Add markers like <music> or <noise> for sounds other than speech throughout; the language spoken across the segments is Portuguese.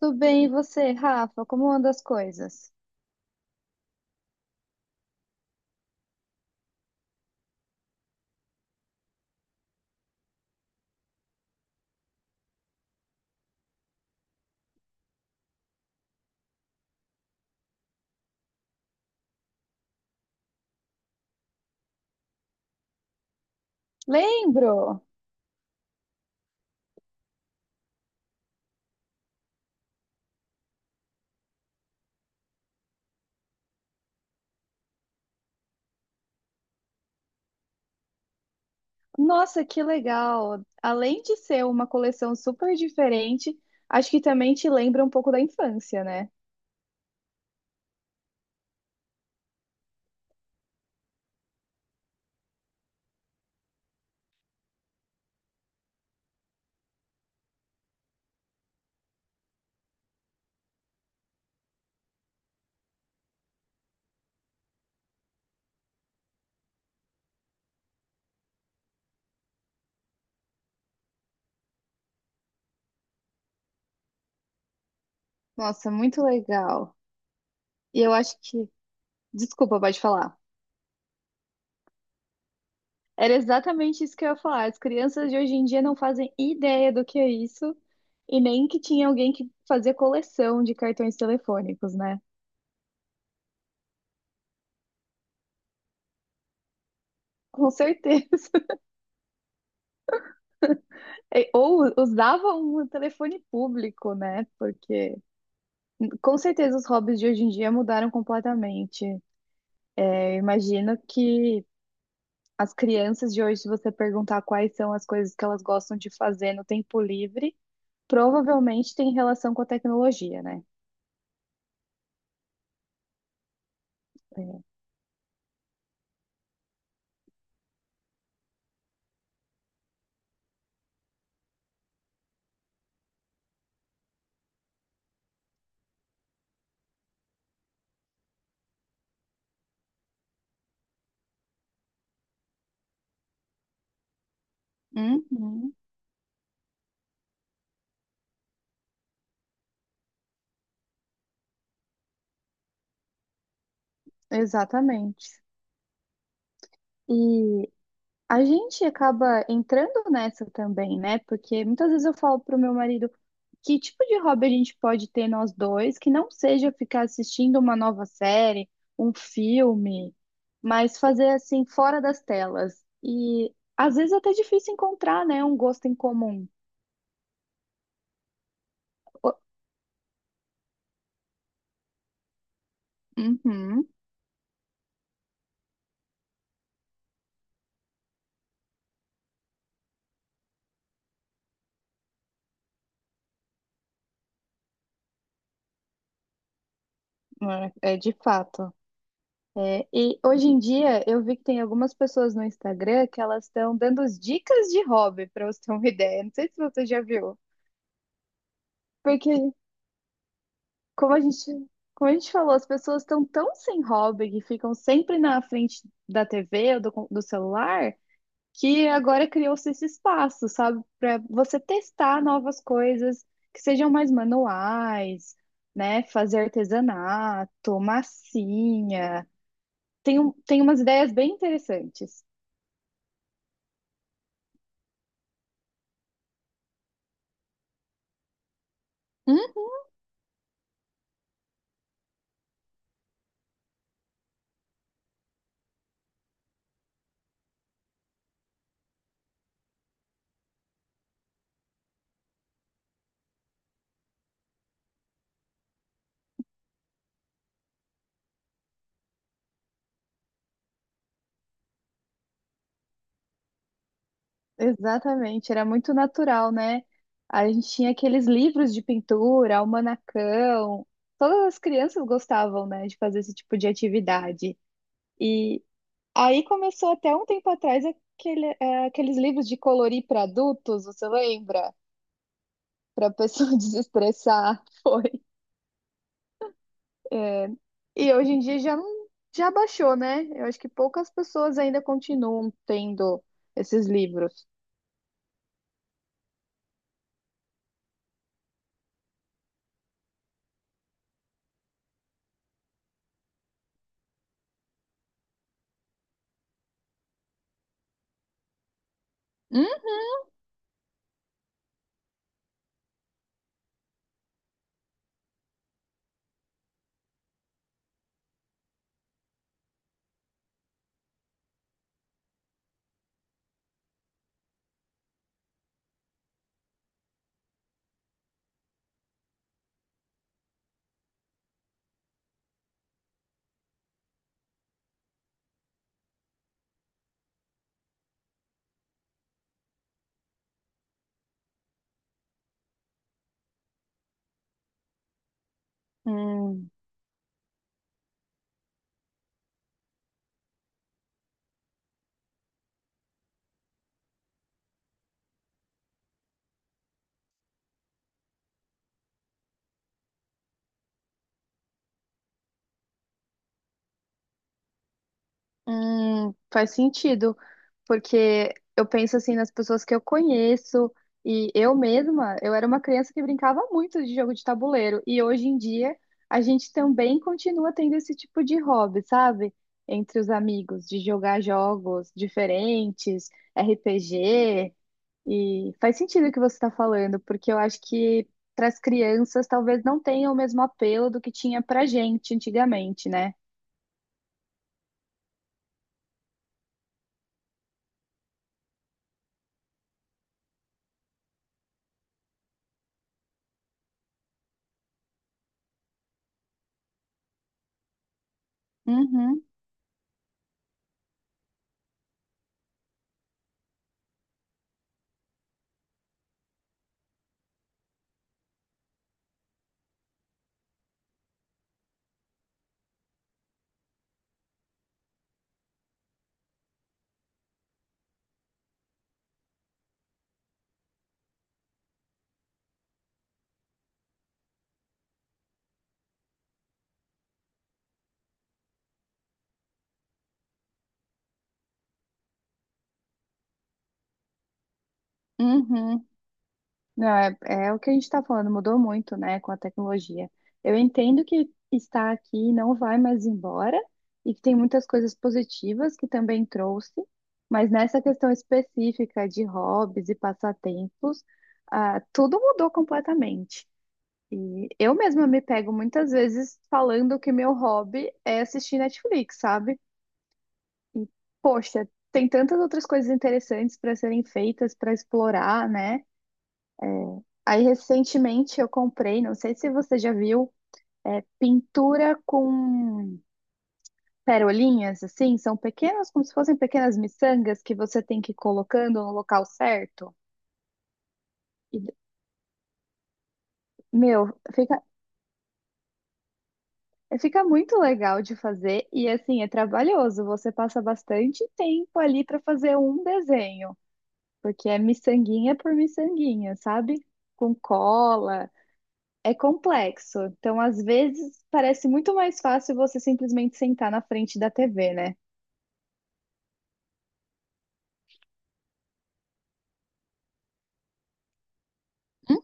Tudo bem, e você, Rafa? Como anda as coisas? Lembro! Nossa, que legal! Além de ser uma coleção super diferente, acho que também te lembra um pouco da infância, né? Nossa, muito legal. E eu acho que. Desculpa, pode falar. Era exatamente isso que eu ia falar. As crianças de hoje em dia não fazem ideia do que é isso e nem que tinha alguém que fazia coleção de cartões telefônicos, né? Com certeza. <laughs> É, ou usava um telefone público, né? Porque com certeza os hobbies de hoje em dia mudaram completamente. Eu imagino que as crianças de hoje, se você perguntar quais são as coisas que elas gostam de fazer no tempo livre, provavelmente tem relação com a tecnologia, né? Uhum, exatamente. E a gente acaba entrando nessa também, né? Porque muitas vezes eu falo pro meu marido que tipo de hobby a gente pode ter nós dois que não seja ficar assistindo uma nova série, um filme, mas fazer assim fora das telas. E às vezes é até difícil encontrar, né, um gosto em comum. O- Uhum, é de fato. É, e hoje em dia eu vi que tem algumas pessoas no Instagram que elas estão dando as dicas de hobby, para você ter uma <laughs> ideia. Não sei se você já viu. Porque Como a gente, como a gente falou, as pessoas estão tão sem hobby que ficam sempre na frente da TV ou do celular, que agora criou-se esse espaço, sabe, para você testar novas coisas que sejam mais manuais, né? Fazer artesanato, massinha. Tem umas ideias bem interessantes. Exatamente, era muito natural, né? A gente tinha aqueles livros de pintura, almanacão. Todas as crianças gostavam, né, de fazer esse tipo de atividade. E aí começou até um tempo atrás aqueles livros de colorir para adultos, você lembra? Para a pessoa <laughs> desestressar, foi. E hoje em dia já não- já baixou, né? Eu acho que poucas pessoas ainda continuam tendo esses livros. Hum? Hum. Faz sentido, porque eu penso assim nas pessoas que eu conheço e eu mesma, eu era uma criança que brincava muito de jogo de tabuleiro e hoje em dia a gente também continua tendo esse tipo de hobby, sabe? Entre os amigos, de jogar jogos diferentes, RPG, e faz sentido o que você está falando, porque eu acho que para as crianças talvez não tenha o mesmo apelo do que tinha para gente antigamente, né? Uhum, uhum. Não, é o que a gente está falando, mudou muito, né, com a tecnologia. Eu entendo que está aqui e não vai mais embora, e que tem muitas coisas positivas que também trouxe, mas nessa questão específica de hobbies e passatempos, ah, tudo mudou completamente. E eu mesma me pego muitas vezes falando que meu hobby é assistir Netflix, sabe? E, poxa, tem tantas outras coisas interessantes para serem feitas, para explorar, né? Aí, recentemente, eu comprei, não sei se você já viu, pintura com perolinhas, assim, são pequenas, como se fossem pequenas miçangas que você tem que ir colocando no local certo. E, meu, fica muito legal de fazer e, assim, é trabalhoso. Você passa bastante tempo ali para fazer um desenho, porque é miçanguinha por miçanguinha, sabe? Com cola. É complexo. Então, às vezes, parece muito mais fácil você simplesmente sentar na frente da TV, né? Hum?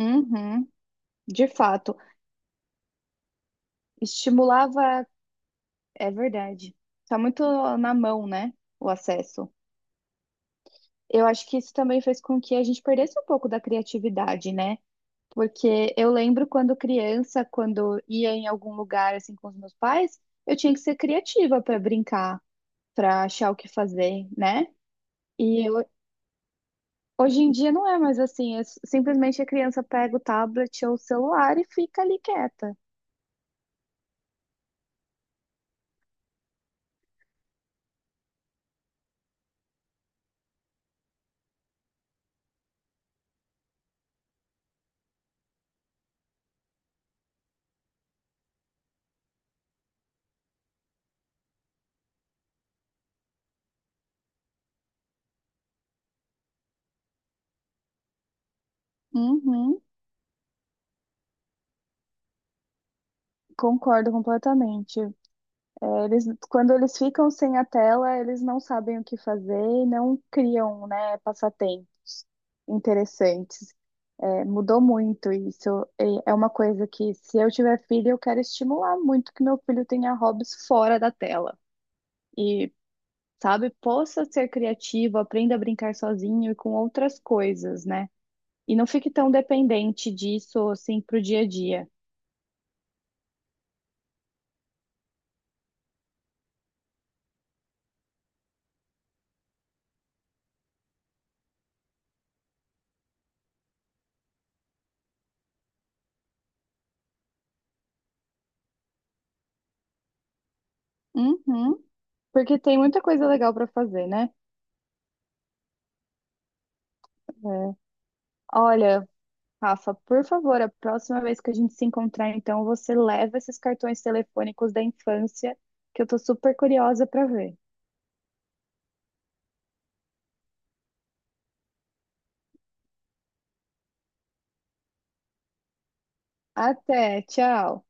Uhum, de fato. Estimulava, é verdade. Tá muito na mão, né? O acesso. Eu acho que isso também fez com que a gente perdesse um pouco da criatividade, né? Porque eu lembro quando criança, quando ia em algum lugar assim com os meus pais, eu tinha que ser criativa para brincar, para achar o que fazer, né? E eu hoje em dia não é mais assim, é simplesmente a criança pega o tablet ou o celular e fica ali quieta. Uhum, concordo completamente. É, eles, quando eles ficam sem a tela, eles não sabem o que fazer e não criam, né, passatempos interessantes. É, mudou muito isso. E é uma coisa que, se eu tiver filho, eu quero estimular muito que meu filho tenha hobbies fora da tela. E, sabe, possa ser criativo, aprenda a brincar sozinho e com outras coisas, né? E não fique tão dependente disso, assim, pro dia a dia. Uhum. Porque tem muita coisa legal para fazer, né? É. Olha, Rafa, por favor, a próxima vez que a gente se encontrar, então, você leva esses cartões telefônicos da infância, que eu tô super curiosa para ver. Até, tchau.